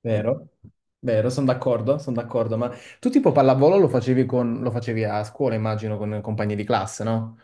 Vero, vero, sono d'accordo, ma tu tipo pallavolo lo facevi, lo facevi a scuola, immagino, con compagni di classe, no?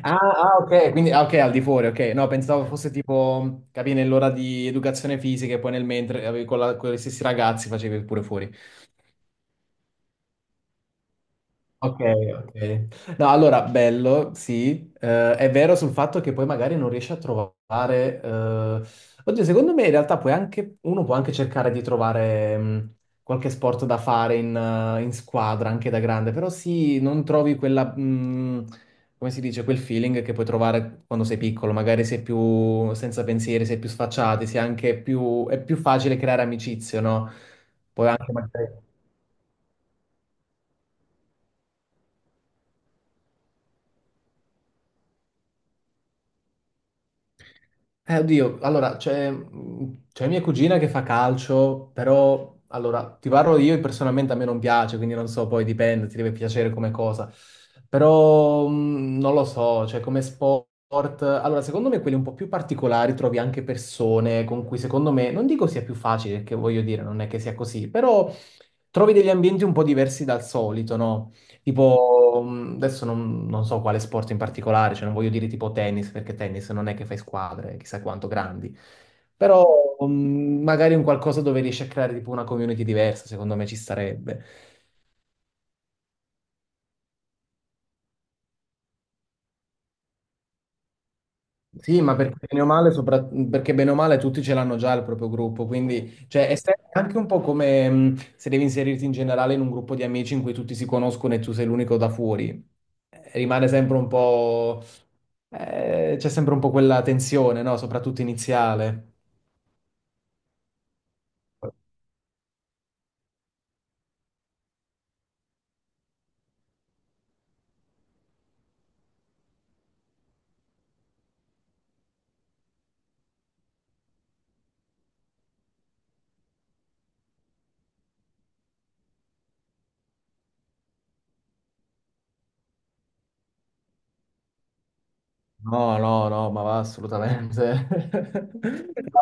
Ah, ah, ok, quindi ah, ok, al di fuori, ok, no, pensavo fosse tipo, nell'ora di educazione fisica e poi nel mentre avevi con gli stessi ragazzi facevi pure fuori. Ok, ok. No, allora, bello, sì. È vero sul fatto che poi magari non riesci a trovare. Oddio, secondo me in realtà puoi anche... uno può anche cercare di trovare qualche sport da fare in squadra, anche da grande, però sì, non trovi quella. Come si dice, quel feeling che puoi trovare quando sei piccolo, magari sei più senza pensieri, sei più sfacciati, sei anche più... è più facile creare amicizie, no? Anche magari... Oddio, allora, c'è mia cugina che fa calcio, però, allora, ti parlo, io personalmente a me non piace, quindi non so, poi dipende, ti deve piacere come cosa. Però, non lo so, cioè come sport, allora, secondo me quelli un po' più particolari trovi anche persone con cui, secondo me, non dico sia più facile, che voglio dire, non è che sia così, però trovi degli ambienti un po' diversi dal solito, no? Tipo, adesso non so quale sport in particolare, cioè non voglio dire tipo tennis, perché tennis non è che fai squadre, chissà quanto grandi, però magari un qualcosa dove riesci a creare tipo una community diversa, secondo me ci starebbe. Sì, ma perché bene o male, perché bene o male tutti ce l'hanno già il proprio gruppo, quindi cioè, è se- anche un po' come se devi inserirti in generale in un gruppo di amici in cui tutti si conoscono e tu sei l'unico da fuori. Rimane sempre un po', c'è sempre un po' quella tensione, no? Soprattutto iniziale. No, no, no, ma va assolutamente.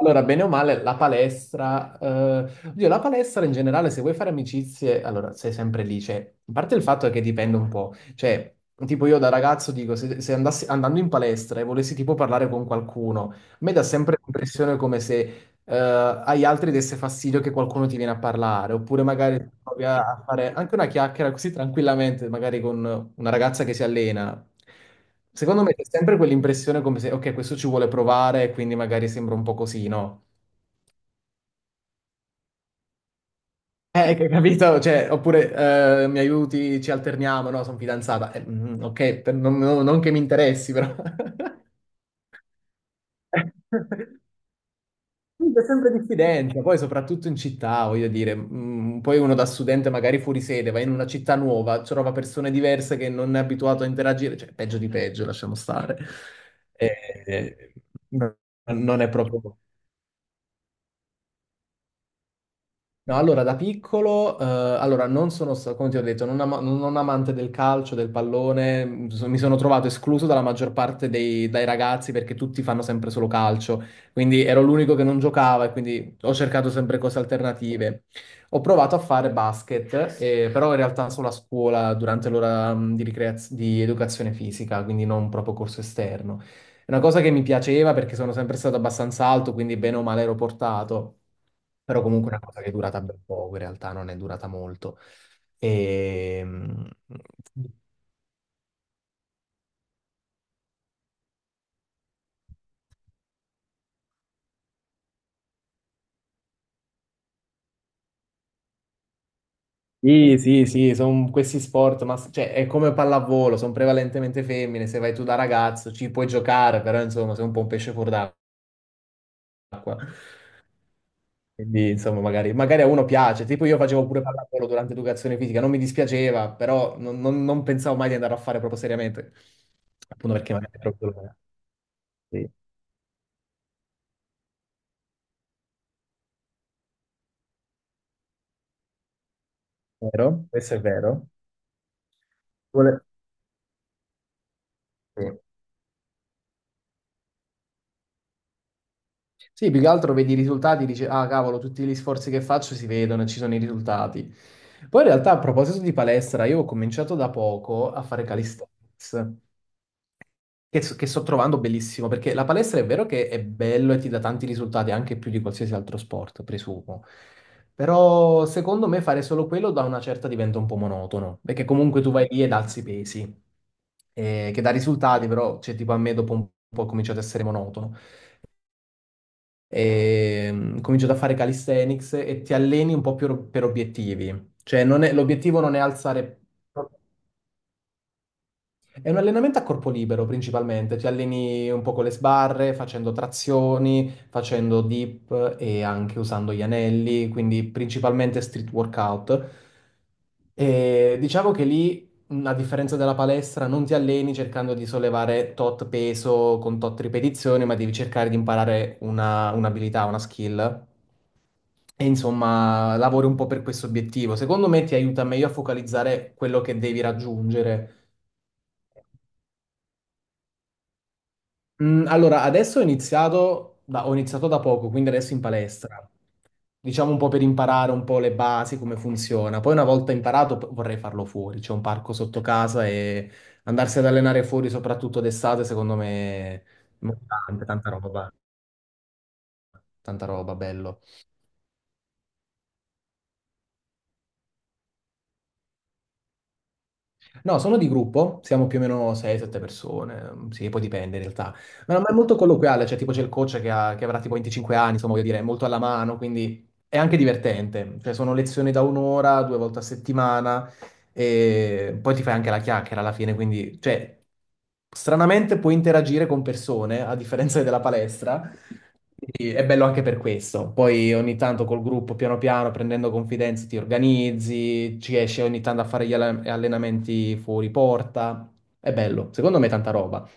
Allora, bene o male, la palestra in generale, se vuoi fare amicizie, allora sei sempre lì. Cioè, a parte il fatto è che dipende un po'. Cioè, tipo io da ragazzo dico, se andassi andando in palestra e volessi tipo parlare con qualcuno, a me dà sempre l'impressione come se eh, agli altri desse fastidio che qualcuno ti viene a parlare, oppure magari provi a fare anche una chiacchiera così tranquillamente, magari con una ragazza che si allena. Secondo me c'è sempre quell'impressione come se, ok, questo ci vuole provare, quindi magari sembra un po' così, no? Capito? Cioè, oppure mi aiuti, ci alterniamo, no? Sono fidanzata. Ok, non che mi interessi, però. Comunque è sempre diffidenza, poi soprattutto in città, voglio dire, poi uno da studente magari fuori sede va in una città nuova, trova persone diverse che non è abituato a interagire, cioè peggio di peggio, lasciamo stare. Eh, eh, Non è proprio... No, allora da piccolo, allora non come ti ho detto, non amante del calcio, del pallone, mi sono trovato escluso dalla maggior parte dai ragazzi perché tutti fanno sempre solo calcio, quindi ero l'unico che non giocava e quindi ho cercato sempre cose alternative. Ho provato a fare basket, però in realtà solo a scuola durante l'ora di educazione fisica, quindi non proprio corso esterno. È una cosa che mi piaceva perché sono sempre stato abbastanza alto, quindi bene o male ero portato, però comunque è una cosa che è durata ben poco, in realtà non è durata molto. Ehm, Sì, sì, sì, sono questi sport, ma cioè, è come pallavolo, sono prevalentemente femmine, se vai tu da ragazzo ci puoi giocare, però insomma sei un po' un pesce fuor d'acqua, quindi insomma magari, magari a uno piace, tipo io facevo pure pallavolo durante educazione fisica, non mi dispiaceva, però non pensavo mai di andare a fare proprio seriamente, appunto perché magari ero più giovane. Sì, vero, questo è vero. Vuole- Sì. Sì, più che altro vedi i risultati, dici, ah cavolo, tutti gli sforzi che faccio si vedono e ci sono i risultati. Poi in realtà a proposito di palestra, io ho cominciato da poco a fare calisthenics. Che sto trovando bellissimo, perché la palestra è vero che è bello e ti dà tanti risultati, anche più di qualsiasi altro sport, presumo. Però secondo me fare solo quello, da una certa diventa un po' monotono, perché comunque tu vai lì ed alzi i pesi, che dà risultati, però cioè, tipo a me dopo un po' è cominciato ad essere monotono. Comincio a fare calisthenics e ti alleni un po' più per obiettivi. Cioè non è- l'obiettivo non è alzare. È un allenamento a corpo libero principalmente, ti alleni un po' con le sbarre, facendo trazioni, facendo dip e anche usando gli anelli, quindi principalmente street workout. E diciamo che lì, a differenza della palestra, non ti alleni cercando di sollevare tot peso con tot ripetizioni, ma devi cercare di imparare un'abilità, una skill. E insomma, lavori un po' per questo obiettivo. Secondo me ti aiuta meglio a focalizzare quello che devi raggiungere. Allora, adesso ho iniziato da poco, quindi adesso in palestra. Diciamo un po' per imparare un po' le basi, come funziona. Poi una volta vorrei farlo fuori. C'è un parco sotto casa e andarsi ad allenare fuori, soprattutto d'estate, secondo me, tanta roba, tanta roba, bello. No, sono di gruppo, siamo più o meno 6-7 persone, sì, poi dipende in realtà. Ma, no, ma è molto colloquiale, cioè tipo c'è il coach che avrà tipo 25 anni, insomma, voglio dire, è molto alla mano, quindi è anche divertente. Cioè sono lezioni da 1 ora, 2 volte a settimana, e poi ti fai anche la chiacchiera alla fine, quindi, cioè, stranamente puoi interagire con persone, a differenza della palestra. Quindi è bello anche per questo. Poi ogni tanto col gruppo, piano piano, prendendo confidenza, ti organizzi, ci esci ogni tanto a fare allenamenti fuori porta. È bello, secondo me è tanta roba.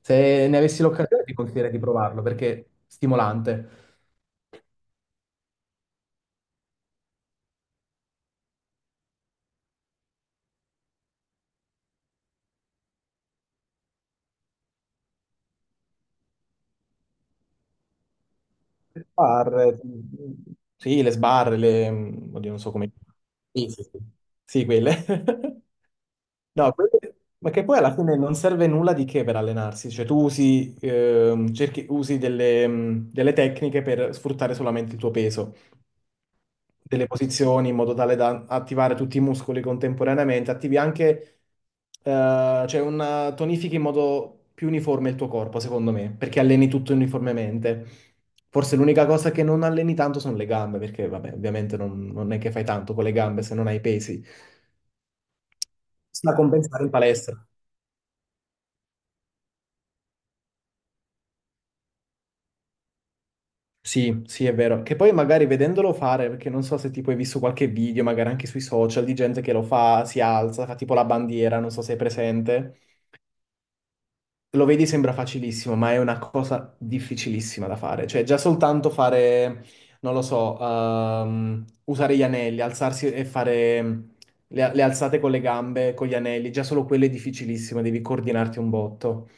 Se ne avessi l'occasione ti consiglierei di provarlo perché è stimolante. Le sbarre, sì, le sbarre, oddio, non so come... Sì, sì, sì. Sì, quelle. No, ma che poi alla fine non serve nulla di che per allenarsi, cioè tu usi, usi delle tecniche per sfruttare solamente il tuo peso, delle posizioni in modo tale da attivare tutti i muscoli contemporaneamente, attivi anche, cioè una, tonifichi in modo più uniforme il tuo corpo, secondo me, perché alleni tutto uniformemente. Forse l'unica cosa che non alleni tanto sono le gambe, perché vabbè, ovviamente non è che fai tanto con le gambe se non hai pesi. Sta a compensare in palestra. Sì, sì, è vero. Che poi magari vedendolo fare, perché non so se tipo hai visto qualche video, magari anche sui social, di gente che lo fa, si alza, fa tipo la bandiera, non so se è presente. Lo vedi, sembra facilissimo, ma è una cosa difficilissima da fare. Cioè, già soltanto fare, non lo so, usare gli anelli, alzarsi e fare le alzate con le gambe, con gli anelli, già solo quello è difficilissimo, devi coordinarti un botto.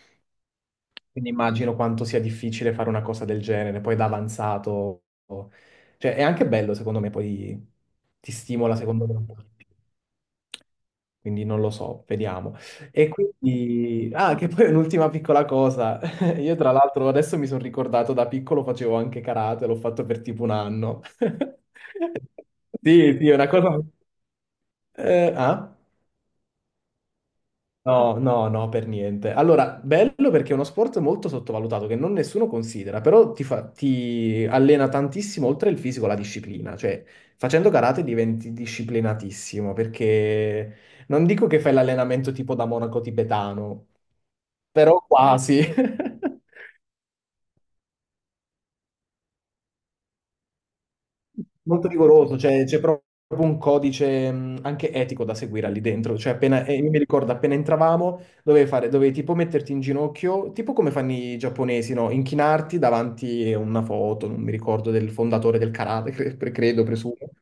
Quindi immagino quanto sia difficile fare una cosa del genere, poi da avanzato. Cioè, è anche bello, secondo me, poi ti stimola, secondo me. Quindi non lo so, vediamo. E che poi un'ultima piccola cosa. Io tra l'altro adesso mi sono ricordato, da piccolo facevo anche karate, l'ho fatto per tipo un anno. Sì, sì, è una cosa... ah? No, no, no, per niente. Allora, bello perché è uno sport molto sottovalutato che non nessuno considera, però ti allena tantissimo oltre il fisico la disciplina, cioè facendo karate diventi disciplinatissimo perché non dico che fai l'allenamento tipo da monaco tibetano, però quasi. Molto rigoroso, cioè c'è proprio un codice anche etico da seguire lì dentro. Cioè, io mi ricordo, appena entravamo, dovevi fare, dovevi tipo metterti in ginocchio, tipo come fanno i giapponesi, no? Inchinarti davanti a una foto, non mi ricordo, del fondatore del karate, credo, presumo.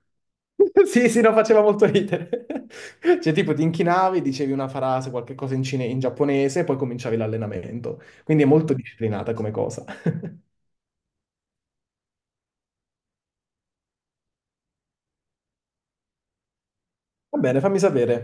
Sì, sì, no, faceva molto ridere. Cioè, tipo, ti inchinavi, dicevi una frase, qualche cosa in giapponese, e poi cominciavi l'allenamento. Quindi è molto disciplinata come cosa. Va bene, fammi sapere.